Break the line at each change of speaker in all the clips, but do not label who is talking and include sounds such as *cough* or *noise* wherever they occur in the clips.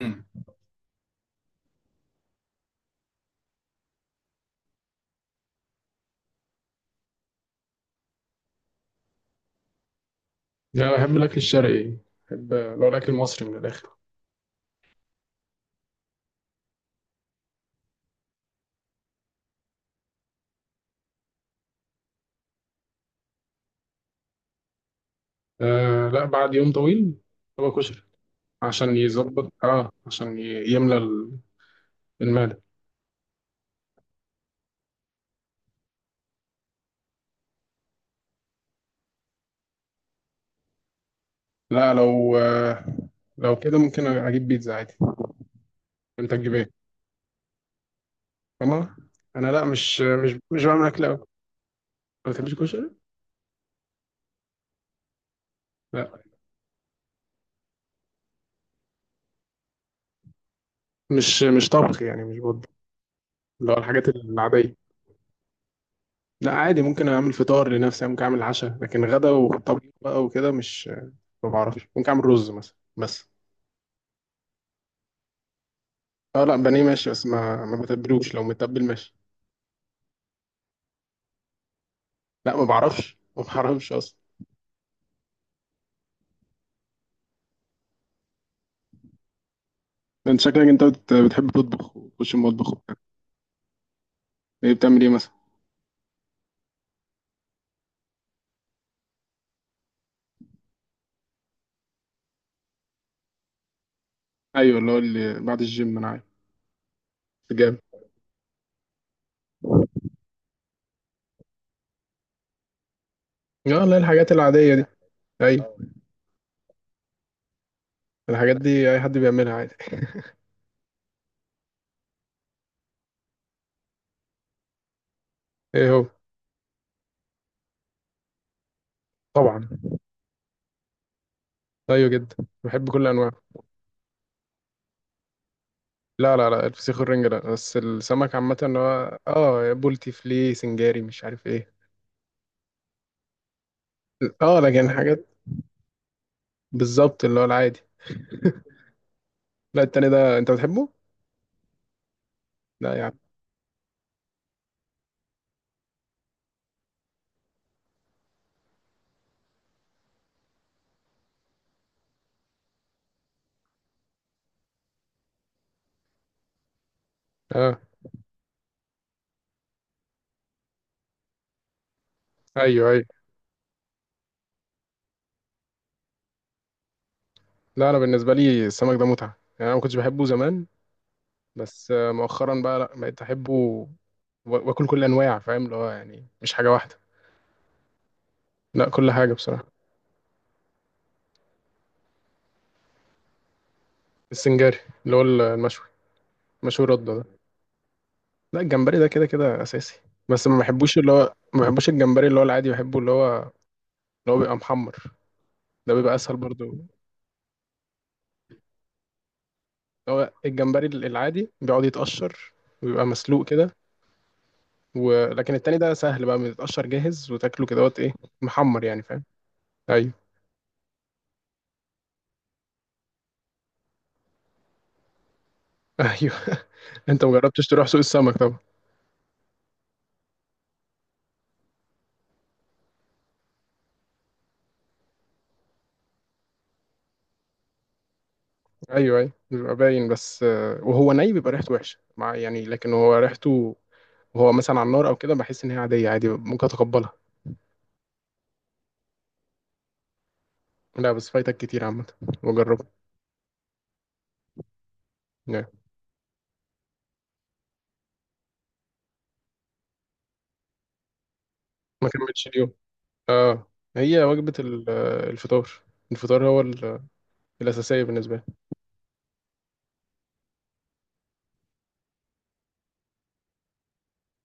مم. لا، أنا بحب الأكل الشرقي. بحب لو الأكل المصري من الآخر. آه لا، بعد يوم طويل هو كشري. عشان يظبط، عشان يملى المعدة. لا، لو كده ممكن أجيب بيتزا عادي. أنت تجيب إيه؟ والله أنا لا، مش بعمل أكل أوي. ما بتحبش الكشري؟ لا، مش طبخ يعني، مش بط اللي هو الحاجات العادية. لا عادي، ممكن أعمل فطار لنفسي، ممكن أعمل عشاء، لكن غدا وطبيخ بقى وكده مش. ما بعرفش، ممكن أعمل رز مثلا بس. اه لا، بانيه ماشي، بس ما بتبلوش، لو متبل ماشي. لا ما بعرفش، ما بعرفش اصلا. انت شكلك انت بتحب تطبخ وتخش المطبخ وبتاع. ايه بتعمل ايه مثلا؟ ايوه، اللي هو اللي بعد الجيم انا عارف. جامد. اه لا، الحاجات العاديه دي. ايوه، الحاجات دي اي حد بيعملها عادي. ايه هو؟ طبعا. ايوه جدا. بحب كل انواع. لا لا لا، الفسيخ والرنجة لا، بس السمك عامة اللي هو بولتي، فليه، سنجاري، مش عارف ايه. اه لكن حاجات. بالظبط اللي هو العادي. *laughs* لا التاني ده انت بتحبه؟ لا يا عم. اه. ايوه ايوه. لا، انا بالنسبه لي السمك ده متعه. يعني انا ما كنتش بحبه زمان، بس مؤخرا بقى لا بقيت احبه واكل كل انواع، فاهم، اللي هو يعني مش حاجه واحده. لا كل حاجه بصراحه. السنجاري، اللي هو المشوي. مشوي رده ده. لا الجمبري ده كده كده اساسي. بس ما بحبوش، اللي هو ما بحبوش الجمبري اللي هو العادي، بحبه اللي هو اللي هو بيبقى محمر. ده بيبقى اسهل برضو، اللي هو الجمبري العادي بيقعد يتقشر ويبقى مسلوق كده. ولكن التاني ده سهل بقى، بيتقشر جاهز وتاكله كده وقت ايه. محمر يعني فاهم. ايوه ايوه. *laughs* انت مجربتش تروح سوق السمك؟ طبعا. ايوه ايوه بيبقى باين، بس وهو بيبقى ريحته وحشه مع يعني، لكن هو ريحته وهو مثلا على النار او كده بحس ان هي عاديه، عادي ممكن اتقبلها. لا بس فايتك كتير عامه، وجربه. لا، ما كملتش اليوم. اه، هي وجبه الفطار. الفطار هو الاساسيه بالنسبه لي.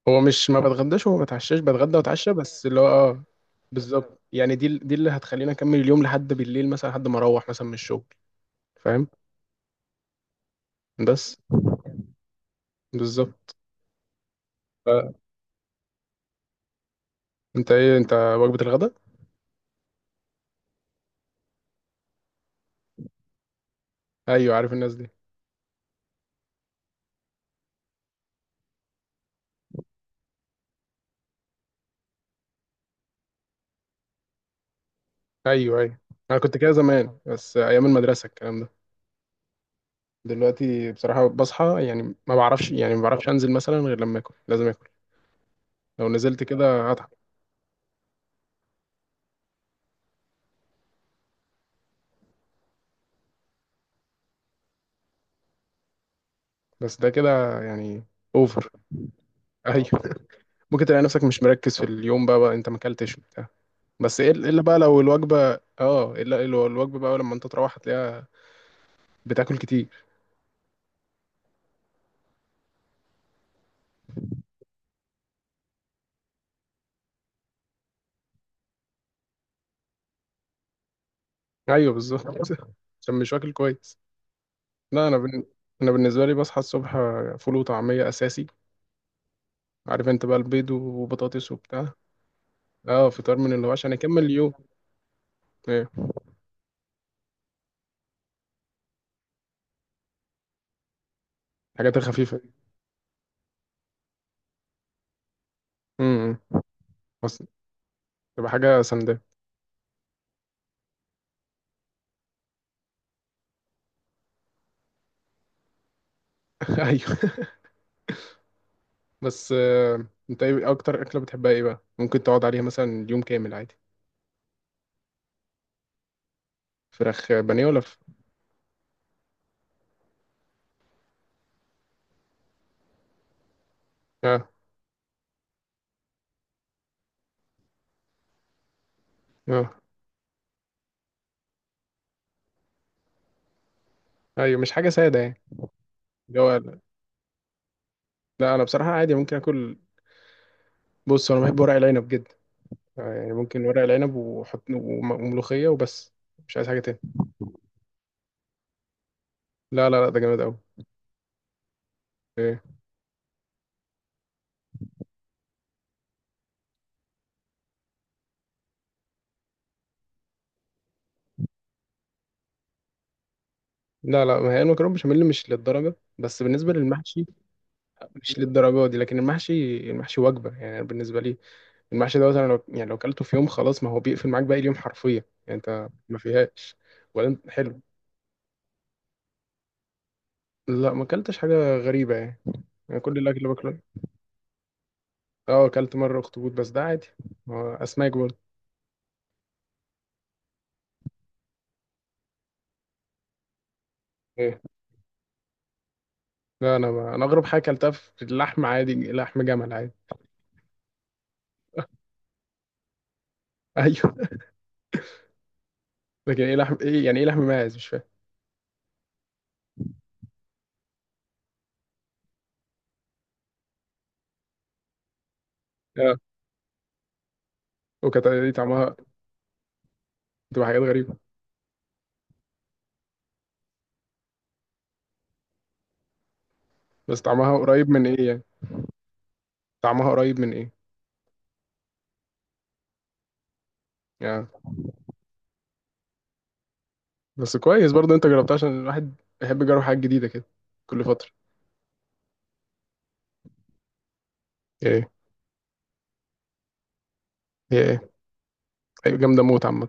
هو مش ما بتغداش وما بتعشاش، بتغدى واتعشى، بس اللي هو بالظبط يعني، دي اللي هتخليني اكمل اليوم لحد بالليل مثلا، لحد ما اروح مثلا من الشغل، فاهم. بس بالظبط. انت ايه انت وجبة الغداء؟ ايوه، عارف الناس دي. ايوه ايوه. انا كنت كده زمان بس ايام المدرسة الكلام ده. دلوقتي بصراحة بصحى، يعني ما بعرفش، يعني ما بعرفش انزل مثلا غير لما اكل، لازم اكل. لو نزلت كده هتعب. بس ده كده يعني اوفر. *laughs* ايوه. ممكن تلاقي نفسك مش مركز في اليوم بقى، انت ما اكلتش وبتاع. بس ايه- الا بقى لو الوجبة اه الا لو الوجبة بقى لما انت تروح هتلاقيها، بتاكل كتير. ايوه بالظبط. *laughs* عشان مش واكل كويس. لا انا انا بالنسبة لي بصحى الصبح، فول وطعمية اساسي. عارف انت بقى البيض وبطاطس وبتاع. اه فطار، من اللي هو عشان اكمل اليوم. ايه؟ الحاجات الخفيفه دي. امم. بس تبقى حاجه سندال. *laughs* ايوه. بس انت ايه اكتر اكله بتحبها، ايه بقى ممكن تقعد عليها مثلا يوم كامل عادي؟ فراخ بانيه ولا اه. اه. ايوه مش حاجه ساده يعني، اللي هو. لا، انا بصراحه عادي ممكن اكل. بص، انا بحب ورق العنب جدا. يعني ممكن ورق العنب وحط وملوخيه وبس. مش عايز حاجه تاني. لا لا لا، ده جامد قوي. لا لا، ما هي المكرونه بشاميل مش للدرجه، بس بالنسبه للمحشي مش للدرجه دي. لكن المحشي، المحشي وجبه يعني بالنسبه لي. المحشي دوت، انا لو يعني لو اكلته في يوم، خلاص ما هو بيقفل معاك باقي اليوم حرفيا، يعني انت ما فيهاش. ولا انت حلو. لا ما اكلتش حاجه غريبه يعني. انا كل الاكل اللي باكله. اه اكلت مره اخطبوط، بس ده عادي، هو اسماك برضه. ايه. لا انا ما... انا اغرب حاجه اكلتها في اللحم، عادي لحم جمل عادي. *laughs* ايوه. لكن ايه لحم، ايه يعني ايه لحم ماعز مش فاهم. اه وكانت دي طعمها. بتبقى حاجات غريبه. بس طعمها قريب من ايه يعني؟ طعمها قريب من ايه؟ يعني بس كويس برضه انت جربتها، عشان الواحد بيحب يجرب حاجات جديدة كده كل فترة. ايه هي؟ ايه هي جامدة موت عامة.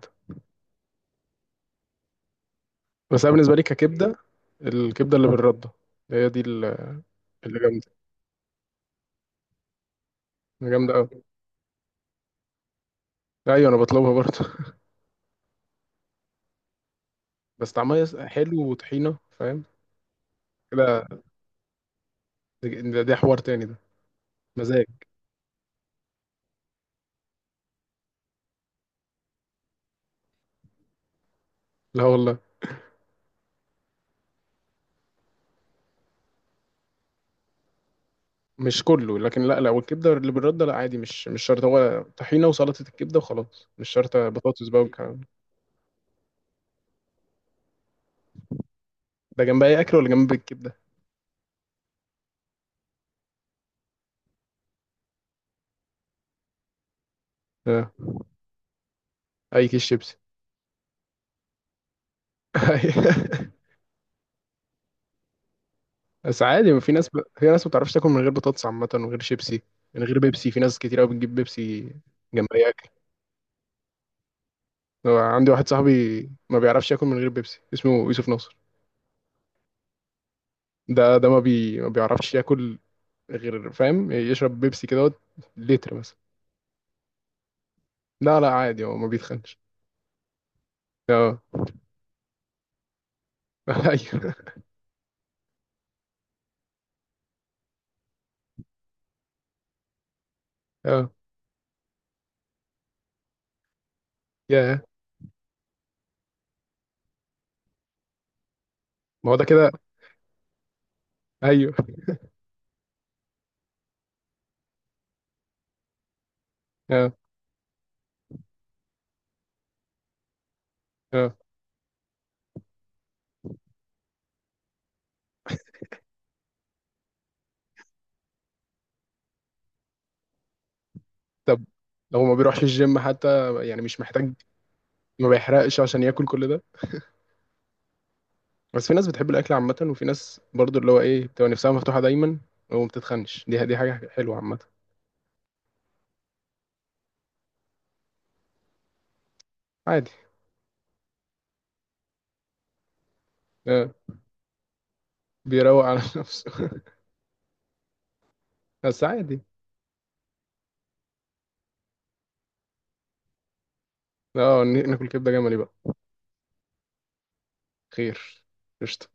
بس انا بالنسبة لي ككبدة، الكبدة اللي بالردة هي دي اللي جامدة، جامدة قوي. ايوه انا بطلبها برضه. *laughs* بس طعمها حلو وطحينة فاهم كده. ده حوار تاني ده. مزاج. لا والله. مش كله، لكن لا لا، والكبدة اللي بالردة لا عادي، مش شرط، هو طحينة وسلطة الكبدة وخلاص، مش شرط بطاطس بقى والكلام ده. ده جنب اي اكل ولا جنب الكبدة؟ آه. اي كيس شيبسي. *laughs* بس عادي، ما في ناس في ناس ما بتعرفش تاكل من غير بطاطس عامة ومن غير شيبسي، من غير بيبسي. في ناس كتير قوي بتجيب بيبسي جنب اي اكل. هو عندي واحد صاحبي ما بيعرفش ياكل من غير بيبسي، اسمه يوسف ناصر. ده ده ما بي ما بيعرفش ياكل غير فاهم، يشرب بيبسي كده لتر مثلا. لا لا عادي، هو ما بيتخنش. اه. *laughs* ايوه. اه يا. ما هو ده كده. ايوه. اه اه. طب لو ما بيروحش الجيم حتى، يعني مش محتاج. ما بيحرقش عشان ياكل كل ده. بس في ناس بتحب الاكل عامه، وفي ناس برضو اللي هو ايه بتبقى نفسها مفتوحه دايما وما بتتخنش، دي حاجه حلوه عامه. عادي. آه، بيروق على *laughs* نفسه. بس عادي. اه ناكل كبده جملي بقى. خير. قشطه.